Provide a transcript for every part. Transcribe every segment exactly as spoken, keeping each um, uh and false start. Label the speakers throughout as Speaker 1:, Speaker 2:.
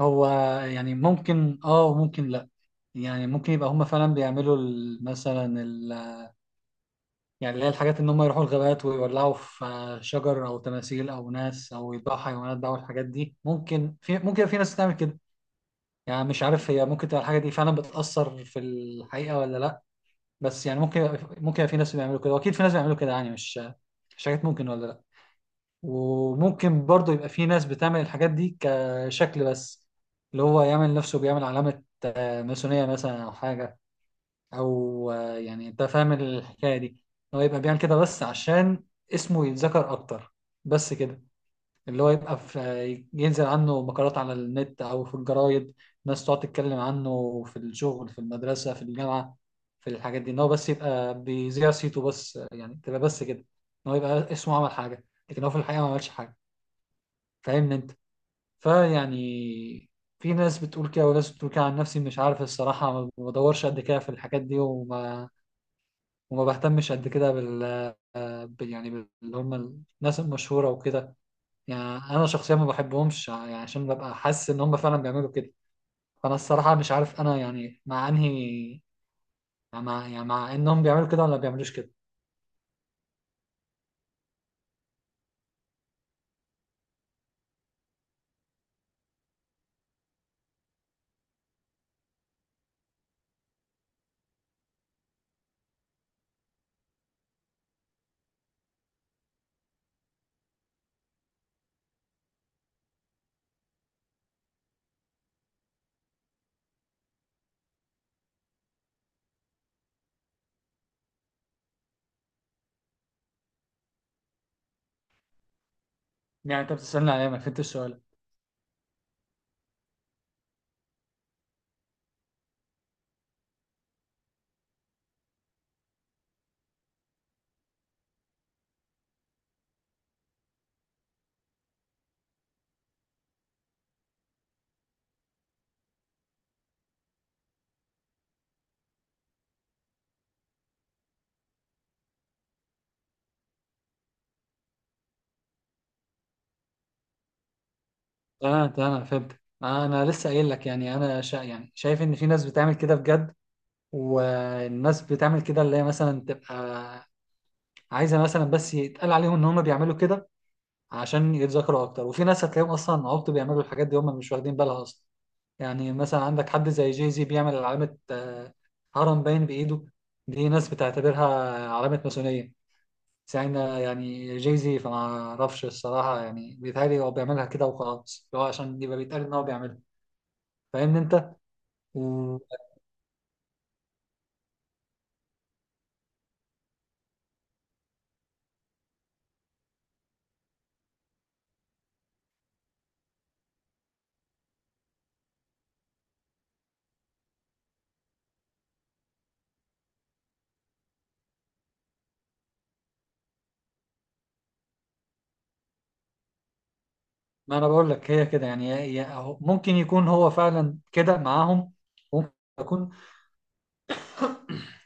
Speaker 1: هو، يعني ممكن اه وممكن لا. يعني ممكن يبقى هم فعلا بيعملوا ال- مثلا ال... يعني اللي هي الحاجات ان هم يروحوا الغابات ويولعوا في شجر او تماثيل او ناس او يذبحوا حيوانات بقى، والحاجات دي ممكن في ممكن في ناس تعمل كده. يعني مش عارف هي ممكن تبقى الحاجه دي فعلا بتأثر في الحقيقه ولا لا، بس يعني ممكن ممكن يبقى في ناس بيعملوا كده، واكيد في ناس بيعملوا كده. يعني مش مش حاجات ممكن ولا لا. وممكن برضه يبقى في ناس بتعمل الحاجات دي كشكل بس، اللي هو يعمل نفسه بيعمل علامة ماسونية مثلا أو حاجة، أو آه، يعني أنت فاهم الحكاية دي. هو يبقى بيعمل كده بس عشان اسمه يتذكر أكتر، بس كده. اللي هو يبقى في آه، ينزل عنه مقالات على النت أو في الجرايد، ناس تقعد تتكلم عنه في الشغل، في المدرسة، في الجامعة، في الحاجات دي. إن هو بس يبقى بيذيع صيته بس، آه، يعني تبقى بس كده، إن هو يبقى اسمه عمل حاجة، لكن هو في الحقيقة ما عملش حاجة. فاهمني أنت؟ فيعني في ناس بتقول كده وناس بتقول كده. عن نفسي مش عارف الصراحة، ما بدورش قد كده في الحاجات دي، وما وما بهتمش قد كده بال بال- يعني بال- اللي هم الناس المشهورة وكده. يعني أنا شخصيا ما بحبهمش، يعني عشان ببقى حاسس إن هم فعلا بيعملوا كده. فأنا الصراحة مش عارف أنا يعني مع أنهي يعني مع يعني مع إنهم بيعملوا كده ولا ما بيعملوش كده. يعني أنت بتسألني عليا؟ ما فهمتش السؤال. أنا أنا فهمت، أنا لسه قايل لك. يعني أنا شا يعني شايف إن في ناس بتعمل كده بجد، والناس بتعمل كده اللي هي مثلا تبقى عايزه مثلا بس يتقال عليهم ان هم بيعملوا كده عشان يتذكروا اكتر. وفي ناس هتلاقيهم اصلا عبط، بيعملوا الحاجات دي هم مش واخدين بالها اصلا. يعني مثلا عندك حد زي جاي زي بيعمل علامه آه، هرم باين بايده. دي ناس بتعتبرها علامه ماسونيه. ساعتها يعني جاي زي، فما اعرفش الصراحه، يعني بيتهيألي هو بيعملها كده وخلاص، اللي هو عشان يبقى بيتقال ان هو بيعملها. فاهمني انت؟ ما انا بقول لك هي كده. يعني هي هي- هو- ممكن يكون هو فعلا كده معاهم، ممكن يكون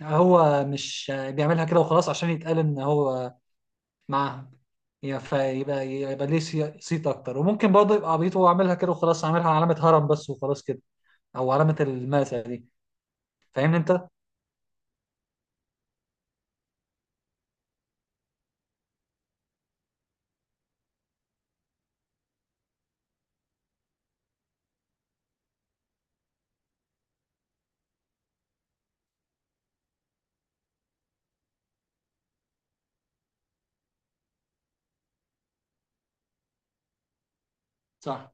Speaker 1: هو مش بيعملها كده وخلاص عشان يتقال ان هو معاهم، يا- فيبقى يبقى ليه سي- صيت اكتر. وممكن برضه يبقى عبيط وهو عاملها كده وخلاص، عاملها علامة هرم بس وخلاص كده، او علامة الماسة دي. فاهمني انت؟ صح.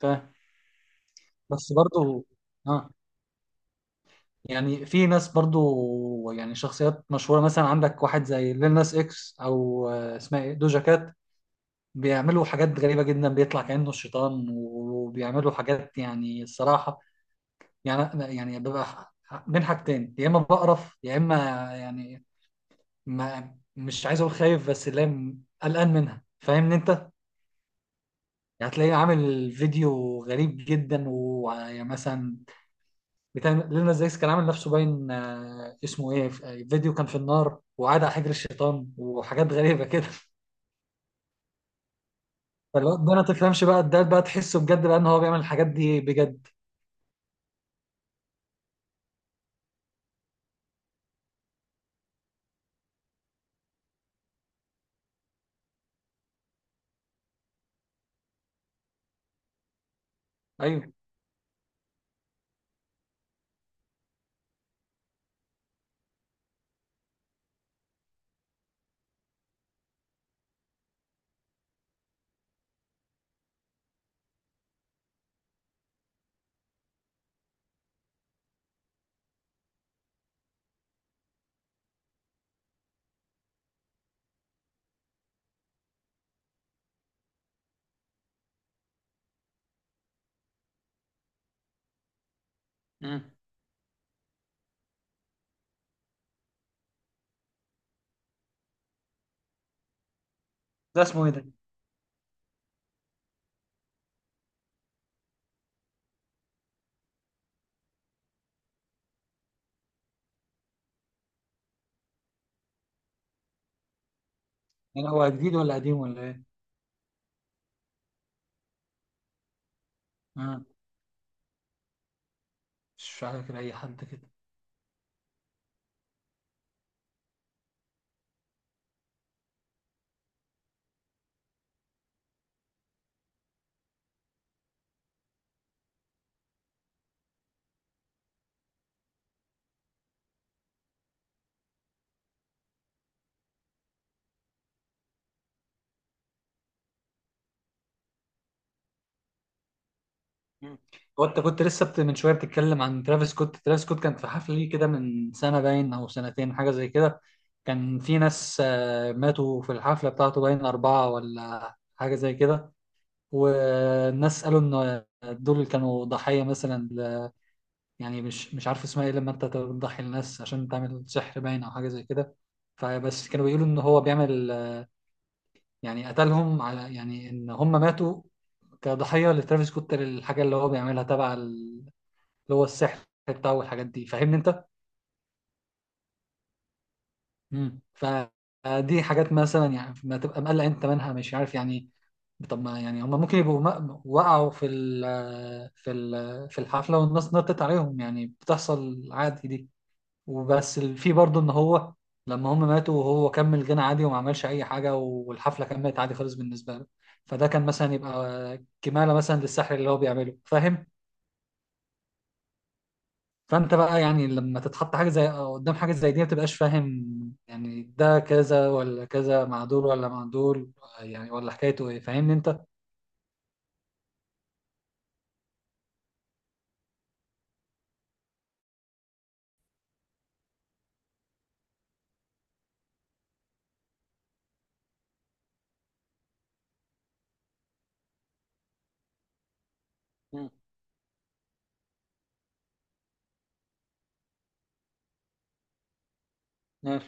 Speaker 1: فاهم. بس برضه اه يعني في ناس برضه، يعني شخصيات مشهورة، مثلا عندك واحد زي ليل ناس اكس او آه، اسمها ايه، دوجا كات، بيعملوا حاجات غريبة جدا، بيطلع كأنه الشيطان وبيعملوا حاجات، يعني الصراحة يعني يعني ببقى ح- بين حاجتين، يا إما بقرف يا إما يعني ما مش عايز أقول خايف، بس اللي هي م- قلقان منها. فاهمني أنت؟ يعني هتلاقيه عامل فيديو غريب جدا، ويعني مثلا بتاع لنا زيكس، كان عامل نفسه باين آه، اسمه إيه، ف- آه، فيديو كان في النار وقعد على حجر الشيطان وحاجات غريبة كده. فالواد ده ما تفهمش بقى، ده بقى تحسه بجد بقى إن هو بيعمل الحاجات دي بجد. أيوه. مم. ده اسمه ايه ده؟ يعني هو جديد ولا قديم ولا ايه؟ مم. مش فاكر اي حد كده. مم. هو انت كنت لسه بت- من شويه بتتكلم عن ترافيس سكوت. ترافيس سكوت كان في حفله ليه كده من سنه باين او سنتين، حاجه زي كده. كان في ناس آه، ماتوا في الحفله بتاعته، باين اربعه ولا حاجه زي كده. والناس قالوا ان دول كانوا ضحيه مثلا ل- يعني مش مش عارف اسمها ايه، لما انت تضحي الناس عشان تعمل سحر باين او حاجه زي كده. فبس كانوا بيقولوا ان هو بيعمل، يعني قتلهم، على يعني ان هم ماتوا كضحية لترافيس سكوت، للحاجة اللي هو بيعملها تبع ال- اللي هو السحر بتاعه، والحاجات دي. فاهمني انت؟ امم فدي حاجات مثلا، يعني ما تبقى مقلق انت منها مش عارف يعني. طب ما يعني هم ممكن يبقوا م- وقعوا في ال في ال في الحفلة والناس نطت عليهم، يعني بتحصل عادي دي. وبس ال- في برضه ان هو لما هم ماتوا وهو كمل غنى عادي وما عملش اي حاجه، والحفله كملت عادي خالص بالنسبه له، فده كان مثلا يبقى كماله مثلا للسحر اللي هو بيعمله، فاهم؟ فانت بقى يعني لما تتحط حاجه زي قدام حاجه زي دي ما تبقاش فاهم، يعني ده كذا ولا كذا، مع دول ولا مع دول، يعني ولا حكايته ايه. فاهمني انت؟ مم.